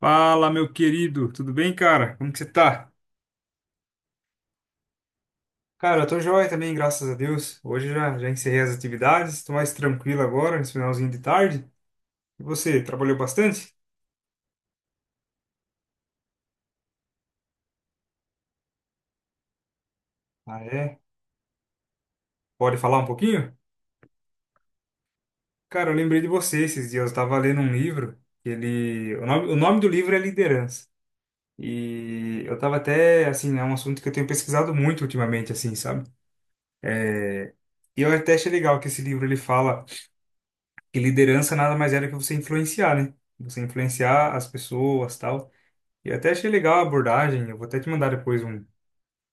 Fala, meu querido, tudo bem, cara? Como que você tá? Cara, eu tô joia também, graças a Deus. Hoje já encerrei as atividades, tô mais tranquilo agora, nesse finalzinho de tarde. E você, trabalhou bastante? Ah, é? Pode falar um pouquinho? Cara, eu lembrei de você esses dias, eu tava lendo um livro, ele... O nome do livro é Liderança. E eu tava até, assim, é um assunto que eu tenho pesquisado muito ultimamente, assim, sabe? E eu até achei legal que esse livro, ele fala que liderança nada mais é do que você influenciar, né? Você influenciar as pessoas, tal. E até achei legal a abordagem, eu vou até te mandar depois um,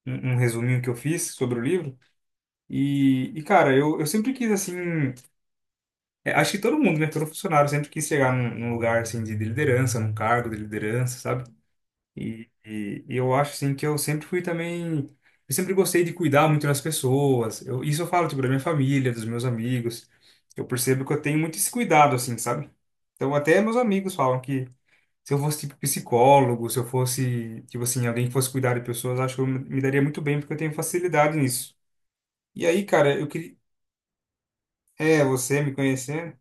um, um resuminho que eu fiz sobre o livro. E cara, eu sempre quis, assim, é, acho que todo mundo, né, todo funcionário sempre quis chegar num lugar, assim, de liderança, num cargo de liderança, sabe? E eu acho, assim, que eu sempre fui também, eu sempre gostei de cuidar muito das pessoas. Eu, isso eu falo, tipo, da minha família, dos meus amigos. Eu percebo que eu tenho muito esse cuidado, assim, sabe? Então, até meus amigos falam que se eu fosse tipo psicólogo, se eu fosse, tipo assim, alguém que fosse cuidar de pessoas, acho que eu me daria muito bem, porque eu tenho facilidade nisso. E aí, cara, eu queria. É, você me conhecendo.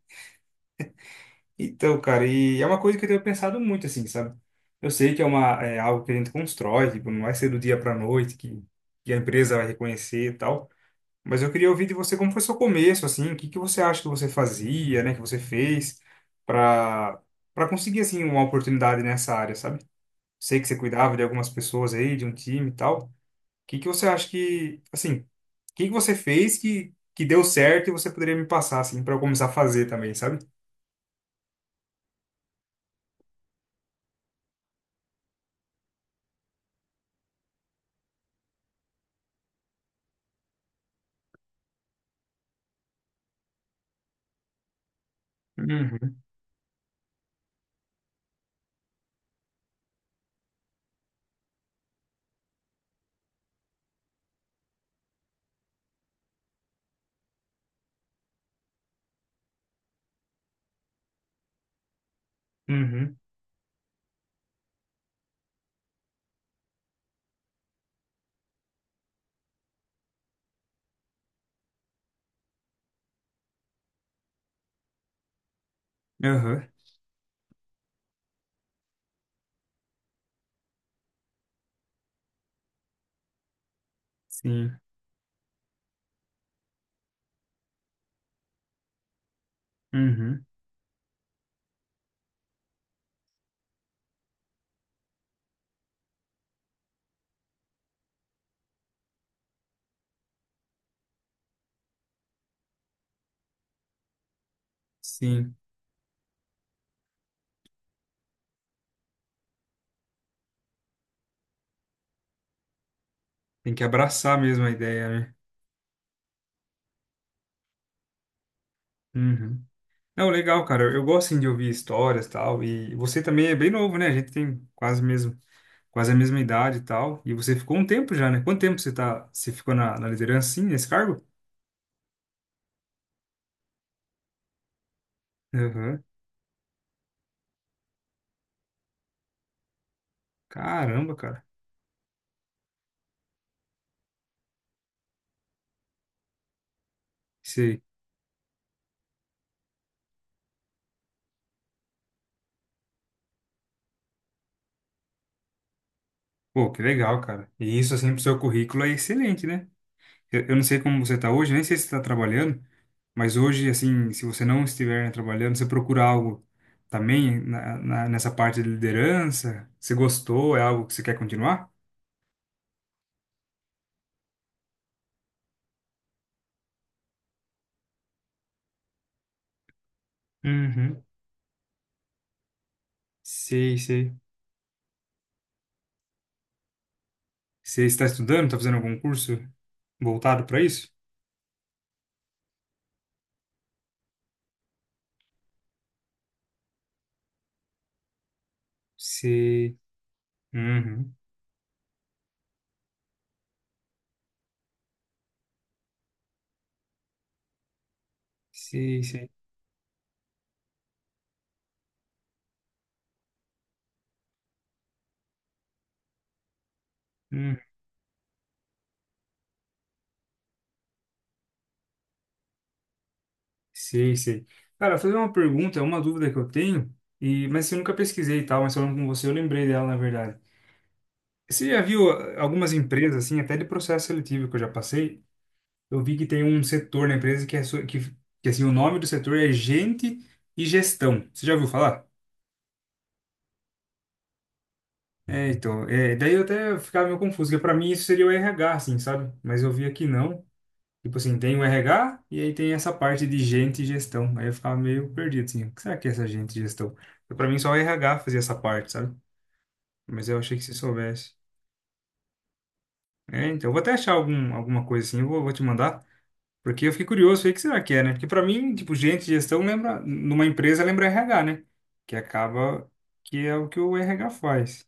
Então, cara, e é uma coisa que eu tenho pensado muito, assim, sabe? Eu sei que é uma, é algo que a gente constrói, tipo, não vai ser do dia pra noite que a empresa vai reconhecer e tal. Mas eu queria ouvir de você como foi seu começo, assim, o que que você acha que você fazia, né, que você fez para para conseguir, assim, uma oportunidade nessa área, sabe? Sei que você cuidava de algumas pessoas aí, de um time e tal. O que que você acha que, assim, o que que você fez que deu certo e você poderia me passar, assim, para eu começar a fazer também, sabe? Uhum, uhum, uhum, sim, uhum, sim. Tem que abraçar mesmo a ideia, né? Uhum. Não, legal, cara. Eu gosto, assim, de ouvir histórias e tal. E você também é bem novo, né? A gente tem quase mesmo, quase a mesma idade e tal. E você ficou um tempo já, né? Quanto tempo você tá, você ficou na liderança, assim, nesse cargo? Aham. Caramba, cara. Sei. Pô, que legal, cara. E isso, assim, pro seu currículo é excelente, né? Eu não sei como você tá hoje, nem sei se você tá trabalhando, mas hoje, assim, se você não estiver, né, trabalhando, você procura algo também nessa parte de liderança? Você gostou? É algo que você quer continuar? Uhum. Sei, sei. Você está estudando? Tá fazendo algum curso voltado para isso? Sei. Uhum. Sei, sei. Sei, sei. Cara, fazer uma pergunta, é uma dúvida que eu tenho, e mas eu nunca pesquisei e tal, mas falando com você, eu lembrei dela, na verdade. Você já viu ah, algumas empresas, assim, até de processo seletivo que eu já passei, eu vi que tem um setor na empresa que é, que assim, o nome do setor é gente e gestão. Você já ouviu falar? É, então, é, daí eu até ficava meio confuso, porque pra mim isso seria o RH, assim, sabe? Mas eu vi aqui não. Tipo assim, tem o RH e aí tem essa parte de gente e gestão. Aí eu ficava meio perdido, assim, o que será que é essa gente e gestão? Porque pra mim só o RH fazia essa parte, sabe? Mas eu achei que se soubesse. É, então, eu vou até achar alguma coisa assim, eu vou te mandar, porque eu fiquei curioso, aí, o que será que é, né? Porque pra mim, tipo, gente e gestão lembra, numa empresa lembra RH, né? Que acaba que é o que o RH faz.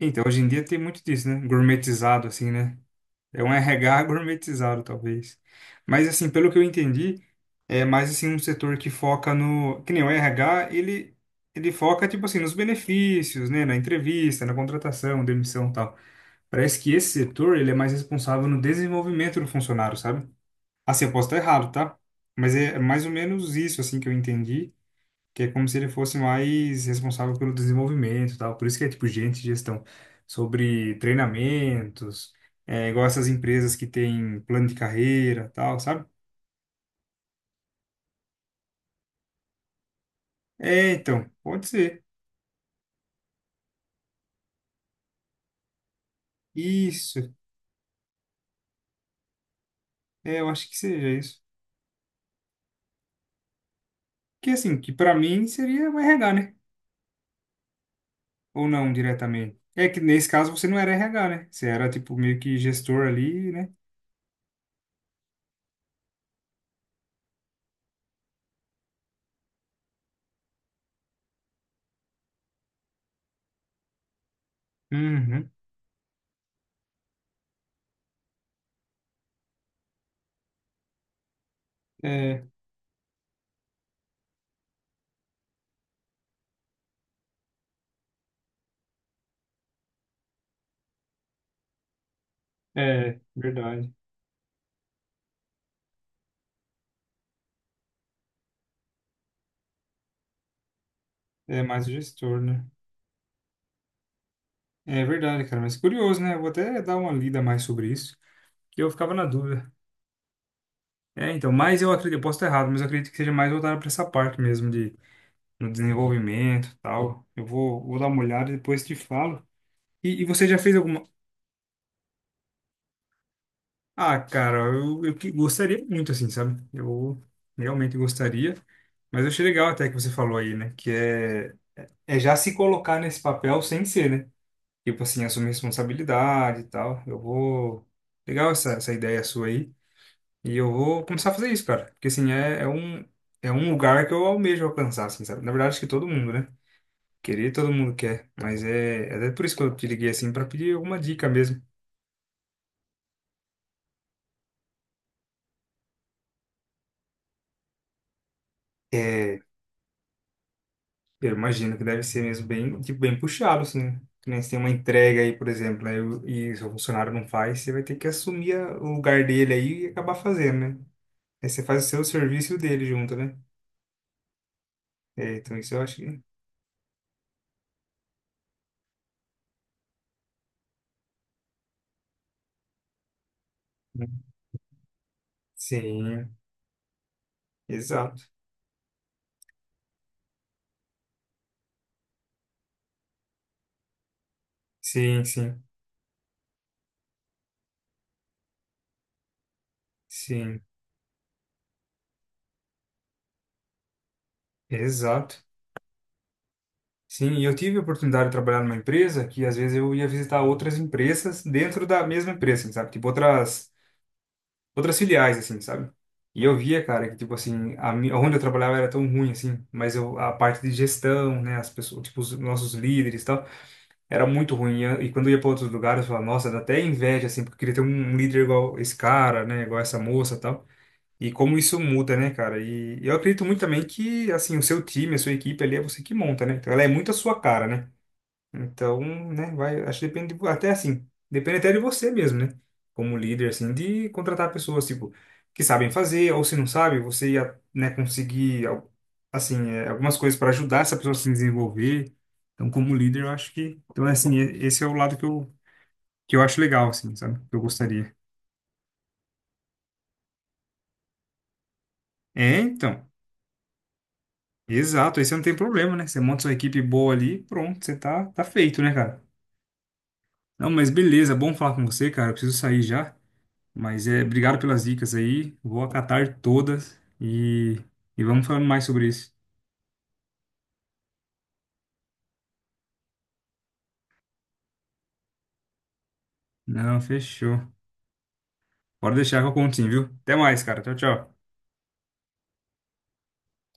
Então, hoje em dia tem muito disso, né? Gourmetizado, assim, né? É um RH gourmetizado, talvez. Mas, assim, pelo que eu entendi, é mais, assim, um setor que foca no... Que nem o RH, ele foca, tipo assim, nos benefícios, né? Na entrevista, na contratação, demissão e tal. Parece que esse setor, ele é mais responsável no desenvolvimento do funcionário, sabe? Assim, eu posso estar errado, tá? Mas é mais ou menos isso, assim, que eu entendi que é como se ele fosse mais responsável pelo desenvolvimento e tal. Por isso que é tipo gerente de gestão, sobre treinamentos, é, igual essas empresas que têm plano de carreira e tal, sabe? É, então, pode ser. Isso. É, eu acho que seja isso. Que assim, que pra mim seria o RH, né? Ou não diretamente. É que nesse caso você não era RH, né? Você era tipo meio que gestor ali, né? Uhum. É, é, verdade. É mais o gestor, né? É verdade, cara, mas curioso, né? Eu vou até dar uma lida mais sobre isso, que eu ficava na dúvida. É, então, mas eu acredito, eu posso estar errado, mas eu acredito que seja mais voltado para essa parte mesmo de no desenvolvimento, e tal. Eu vou dar uma olhada e depois te falo. E você já fez alguma? Ah, cara, eu gostaria muito assim, sabe? Eu realmente gostaria, mas eu achei legal até que você falou aí, né? Que é já se colocar nesse papel sem ser, né? Tipo assim, assumir responsabilidade e tal. Eu vou Legal essa ideia sua aí. E eu vou começar a fazer isso, cara. Porque, assim, é um lugar que eu almejo alcançar, assim, sabe? Na verdade, acho que todo mundo, né? Querer, todo mundo quer. Mas é até por isso que eu te liguei, assim, pra pedir alguma dica mesmo. É, eu imagino que deve ser mesmo bem, tipo, bem puxado, assim. Né? Que nem se tem uma entrega aí, por exemplo, né? E o seu funcionário não faz, você vai ter que assumir o lugar dele aí e acabar fazendo, né? Aí você faz o seu serviço e o dele junto, né? É, então isso eu acho que... Né? Sim, exato. Sim, sim, sim, exato. Sim, e eu tive a oportunidade de trabalhar numa empresa que às vezes eu ia visitar outras empresas dentro da mesma empresa, assim, sabe? Tipo outras filiais assim, sabe? E eu via, cara, que tipo assim, onde eu trabalhava era tão ruim assim, mas eu a parte de gestão, né, as pessoas, tipo os nossos líderes e tal, era muito ruim. E quando eu ia para outros lugares, eu falava, nossa, dá até inveja assim, porque eu queria ter um líder igual esse cara, né, igual essa moça, e tal. E como isso muda, né, cara? E eu acredito muito também que, assim, o seu time, a sua equipe ali é você que monta, né? Então ela é muito a sua cara, né? Então, né, vai, acho que depende, até assim, depende até de você mesmo, né? Como líder, assim, de contratar pessoas, tipo, que sabem fazer, ou se não sabe, você ia, né, conseguir, assim, é, algumas coisas para ajudar essa pessoa a se desenvolver. Então, como líder, eu acho que, então, é assim, esse é o lado que eu acho legal, assim, sabe? Que eu gostaria. É, então, exato, aí você não tem problema, né? Você monta sua equipe boa ali, pronto, você tá, tá feito, né, cara? Não, mas beleza, bom falar com você, cara, eu preciso sair já. Mas é, obrigado pelas dicas aí. Vou acatar todas e vamos falando mais sobre isso. Não, fechou. Pode deixar que eu conto sim, viu? Até mais, cara. Tchau, tchau.